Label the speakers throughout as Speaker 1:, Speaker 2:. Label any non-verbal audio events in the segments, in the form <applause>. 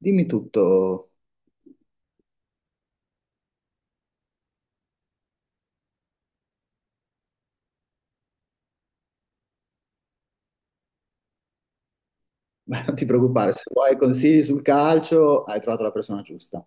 Speaker 1: Dimmi tutto. <laughs> Beh, non ti preoccupare, se vuoi consigli sul calcio hai trovato la persona giusta.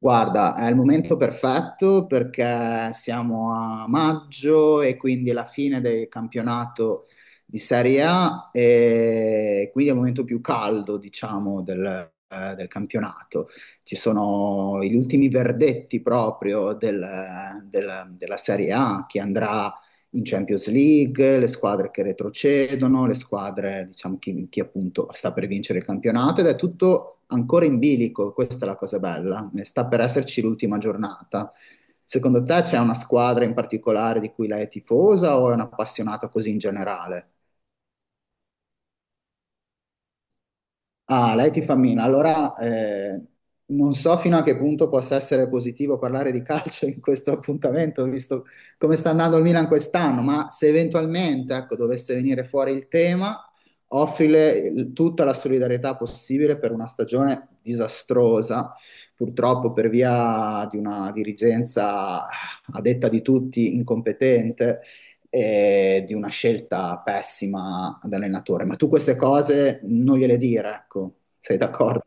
Speaker 1: Guarda, è il momento perfetto perché siamo a maggio e quindi è la fine del campionato di Serie A e quindi è il momento più caldo, diciamo, del campionato. Ci sono gli ultimi verdetti proprio della Serie A che andrà in Champions League, le squadre che retrocedono, le squadre, diciamo, chi appunto sta per vincere il campionato ed è tutto ancora in bilico, questa è la cosa bella, sta per esserci l'ultima giornata. Secondo te c'è una squadra in particolare di cui lei è tifosa o è un'appassionata così in generale? Ah, lei ti fa mina. Allora, non so fino a che punto possa essere positivo parlare di calcio in questo appuntamento, visto come sta andando il Milan quest'anno, ma se eventualmente, ecco, dovesse venire fuori il tema, offrile tutta la solidarietà possibile per una stagione disastrosa, purtroppo per via di una dirigenza a detta di tutti incompetente, di una scelta pessima ad allenatore. Ma tu queste cose non gliele dire, ecco, sei d'accordo?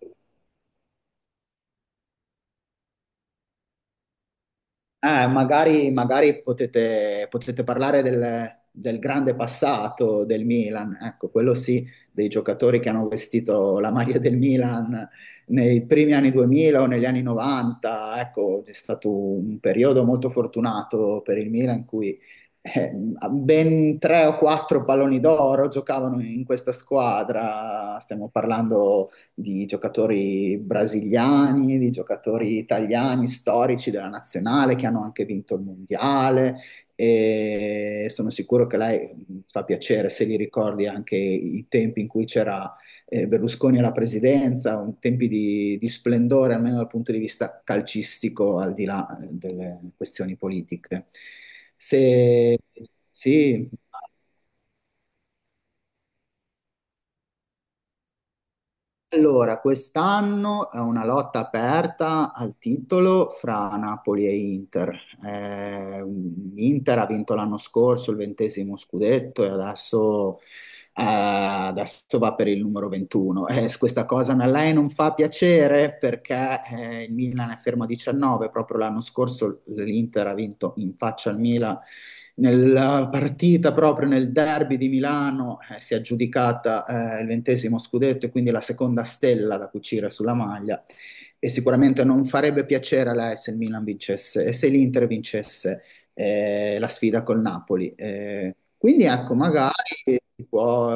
Speaker 1: Magari magari potete parlare del grande passato del Milan, ecco, quello sì, dei giocatori che hanno vestito la maglia del Milan nei primi anni 2000 o negli anni 90, ecco, è stato un periodo molto fortunato per il Milan in cui eh, ben tre o quattro palloni d'oro giocavano in questa squadra, stiamo parlando di giocatori brasiliani, di giocatori italiani storici della nazionale che hanno anche vinto il mondiale e sono sicuro che lei fa piacere se li ricordi anche i tempi in cui c'era, Berlusconi alla presidenza, tempi di splendore almeno dal punto di vista calcistico, al di là, delle questioni politiche. Se, sì. Allora, quest'anno è una lotta aperta al titolo fra Napoli e Inter. Eh, Inter ha vinto l'anno scorso il ventesimo scudetto e adesso va per il numero 21. Questa cosa a lei non fa piacere perché, il Milan è fermo a 19. Proprio l'anno scorso l'Inter ha vinto in faccia al Milan nella partita proprio nel derby di Milano. Si è aggiudicata, il ventesimo scudetto e quindi la seconda stella da cucire sulla maglia. E sicuramente non farebbe piacere a lei se il Milan vincesse e se l'Inter vincesse, la sfida col Napoli. Quindi ecco, magari si può-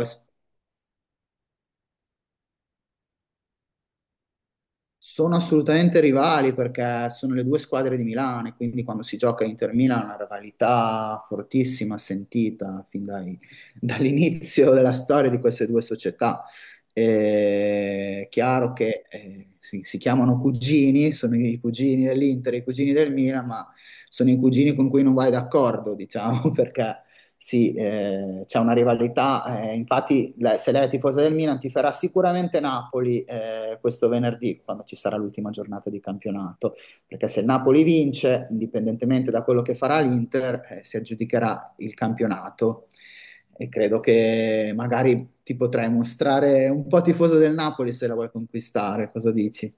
Speaker 1: sono assolutamente rivali perché sono le due squadre di Milano e quindi quando si gioca Inter-Milan è una rivalità fortissima, sentita fin <laughs> dall'inizio della storia di queste due società. È chiaro che, si chiamano cugini, sono i cugini dell'Inter, e i cugini del Milan, ma sono i cugini con cui non vai d'accordo, diciamo, <laughs> perché sì, c'è una rivalità, infatti se lei è tifosa del Milan tiferà sicuramente Napoli, questo venerdì, quando ci sarà l'ultima giornata di campionato, perché se il Napoli vince, indipendentemente da quello che farà l'Inter, si aggiudicherà il campionato e credo che magari ti potrai mostrare un po' tifoso del Napoli se la vuoi conquistare, cosa dici?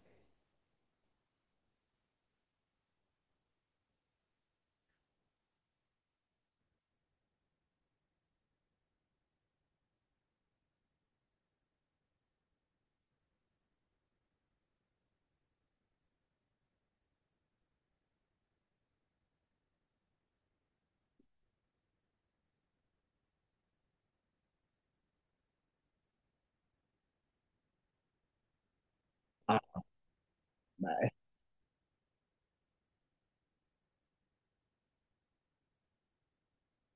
Speaker 1: Ah, beh,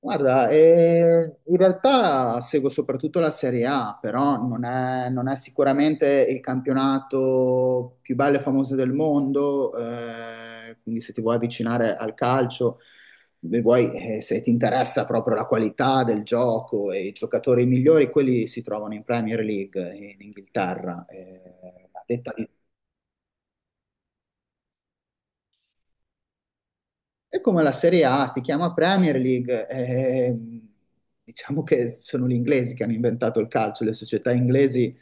Speaker 1: guarda, in realtà seguo soprattutto la Serie A, però non è sicuramente il campionato più bello e famoso del mondo, quindi se ti vuoi avvicinare al calcio, e vuoi, se ti interessa proprio la qualità del gioco e i giocatori migliori, quelli si trovano in Premier League in Inghilterra. A detta di. È come la Serie A, si chiama Premier League. Diciamo che sono gli inglesi che hanno inventato il calcio, le società inglesi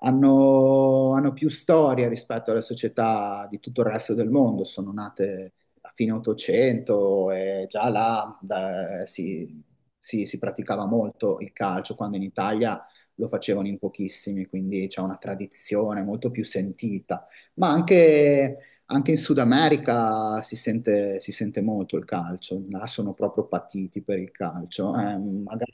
Speaker 1: hanno più storia rispetto alle società di tutto il resto del mondo, sono nate a fine 800 e già là si praticava molto il calcio, quando in Italia lo facevano in pochissimi, quindi c'è una tradizione molto più sentita, ma anche... Anche in Sud America si sente molto il calcio, là sono proprio patiti per il calcio. Magari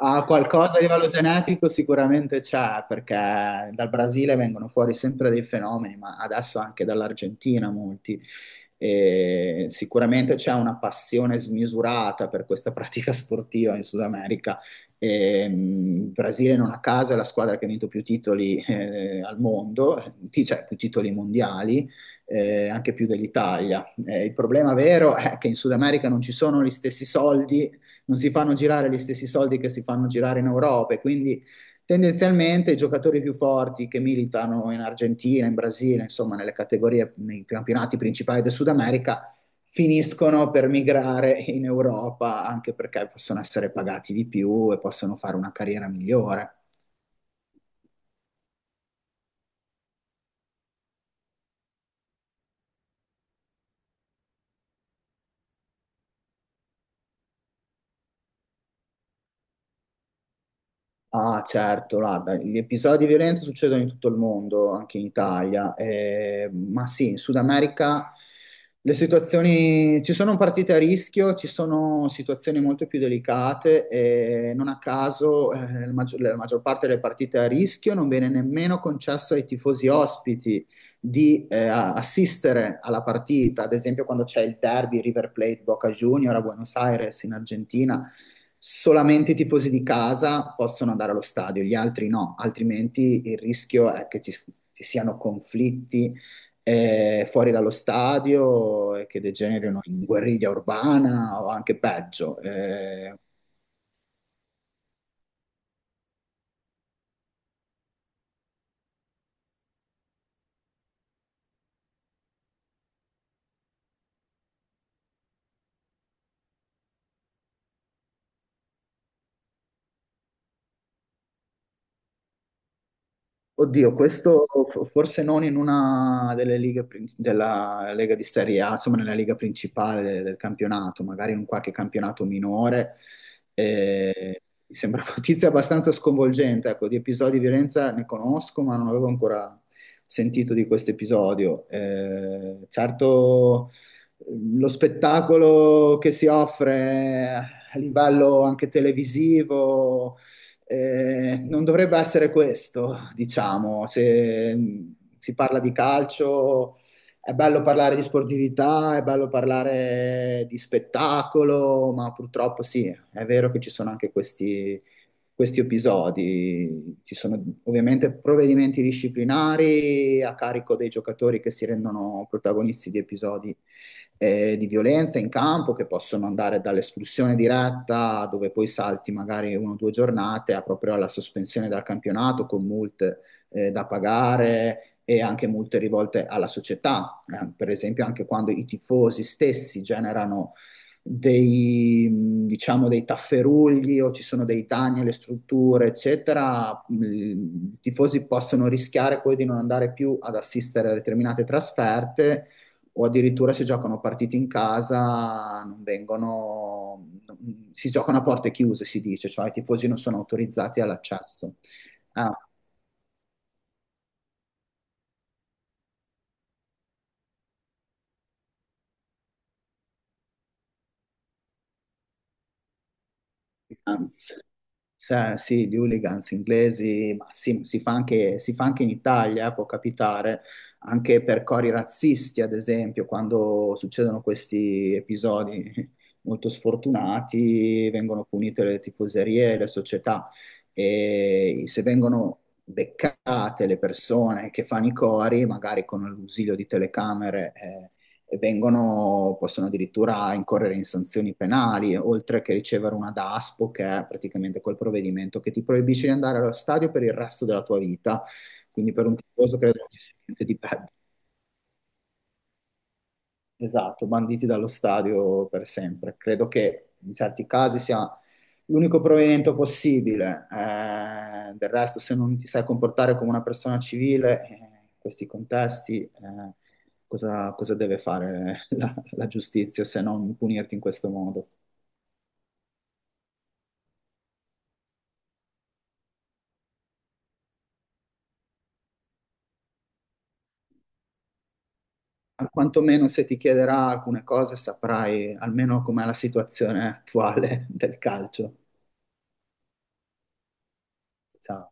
Speaker 1: Ah, qualcosa a livello genetico sicuramente c'è, perché dal Brasile vengono fuori sempre dei fenomeni, ma adesso anche dall'Argentina molti. E sicuramente c'è una passione smisurata per questa pratica sportiva in Sud America. E, il Brasile non a caso è la squadra che ha vinto più titoli, al mondo, cioè più titoli mondiali, anche più dell'Italia. Il problema vero è che in Sud America non ci sono gli stessi soldi, non si fanno girare gli stessi soldi che si fanno girare in Europa e quindi tendenzialmente i giocatori più forti che militano in Argentina, in Brasile, insomma nelle categorie, nei campionati principali del Sud America, finiscono per migrare in Europa anche perché possono essere pagati di più e possono fare una carriera migliore. Ah, certo, guarda, gli episodi di violenza succedono in tutto il mondo, anche in Italia, ma sì, in Sud America le situazioni ci sono partite a rischio, ci sono situazioni molto più delicate e non a caso, la maggior parte delle partite a rischio non viene nemmeno concesso ai tifosi ospiti di, assistere alla partita, ad esempio quando c'è il derby River Plate Boca Junior a Buenos Aires in Argentina, solamente i tifosi di casa possono andare allo stadio, gli altri no, altrimenti il rischio è che, ci siano conflitti, fuori dallo stadio e che degenerino in guerriglia urbana o anche peggio. Oddio, questo forse non in una della Lega di Serie A, insomma nella Liga principale del campionato, magari in un qualche campionato minore. Mi sembra <laughs> una notizia abbastanza sconvolgente, ecco, di episodi di violenza ne conosco, ma non avevo ancora sentito di questo episodio. Certo, lo spettacolo che si offre a livello anche televisivo, non dovrebbe essere questo, diciamo, se si parla di calcio è bello parlare di sportività, è bello parlare di spettacolo, ma purtroppo sì, è vero che ci sono anche questi, questi episodi, ci sono ovviamente provvedimenti disciplinari a carico dei giocatori che si rendono protagonisti di episodi, di violenza in campo che possono andare dall'espulsione diretta, dove poi salti magari una o due giornate, a proprio alla sospensione dal campionato con multe, da pagare e anche multe rivolte alla società. Per esempio anche quando i tifosi stessi generano dei, diciamo, dei tafferugli o ci sono dei danni alle strutture, eccetera, i tifosi possono rischiare poi di non andare più ad assistere a determinate trasferte o addirittura se giocano partite in casa non vengono, si giocano a porte chiuse, si dice, cioè i tifosi non sono autorizzati all'accesso. Ah, anzi. Sì, di hooligans inglesi, ma sì, si fa anche in Italia, può capitare, anche per cori razzisti, ad esempio, quando succedono questi episodi molto sfortunati, vengono punite le tifoserie e le società. E se vengono beccate le persone che fanno i cori, magari con l'ausilio di telecamere, e vengono, possono addirittura incorrere in sanzioni penali, oltre che ricevere una DASPO, che è praticamente quel provvedimento che ti proibisce di andare allo stadio per il resto della tua vita. Quindi per un tifoso credo che sia niente di peggio. Esatto, banditi dallo stadio per sempre. Credo che in certi casi sia l'unico provvedimento possibile. Del resto, se non ti sai comportare come una persona civile, in questi contesti, cosa, cosa deve fare <laughs> la, la giustizia se non punirti in questo modo? Quantomeno se ti chiederà alcune cose, saprai almeno com'è la situazione attuale <laughs> del calcio. Ciao.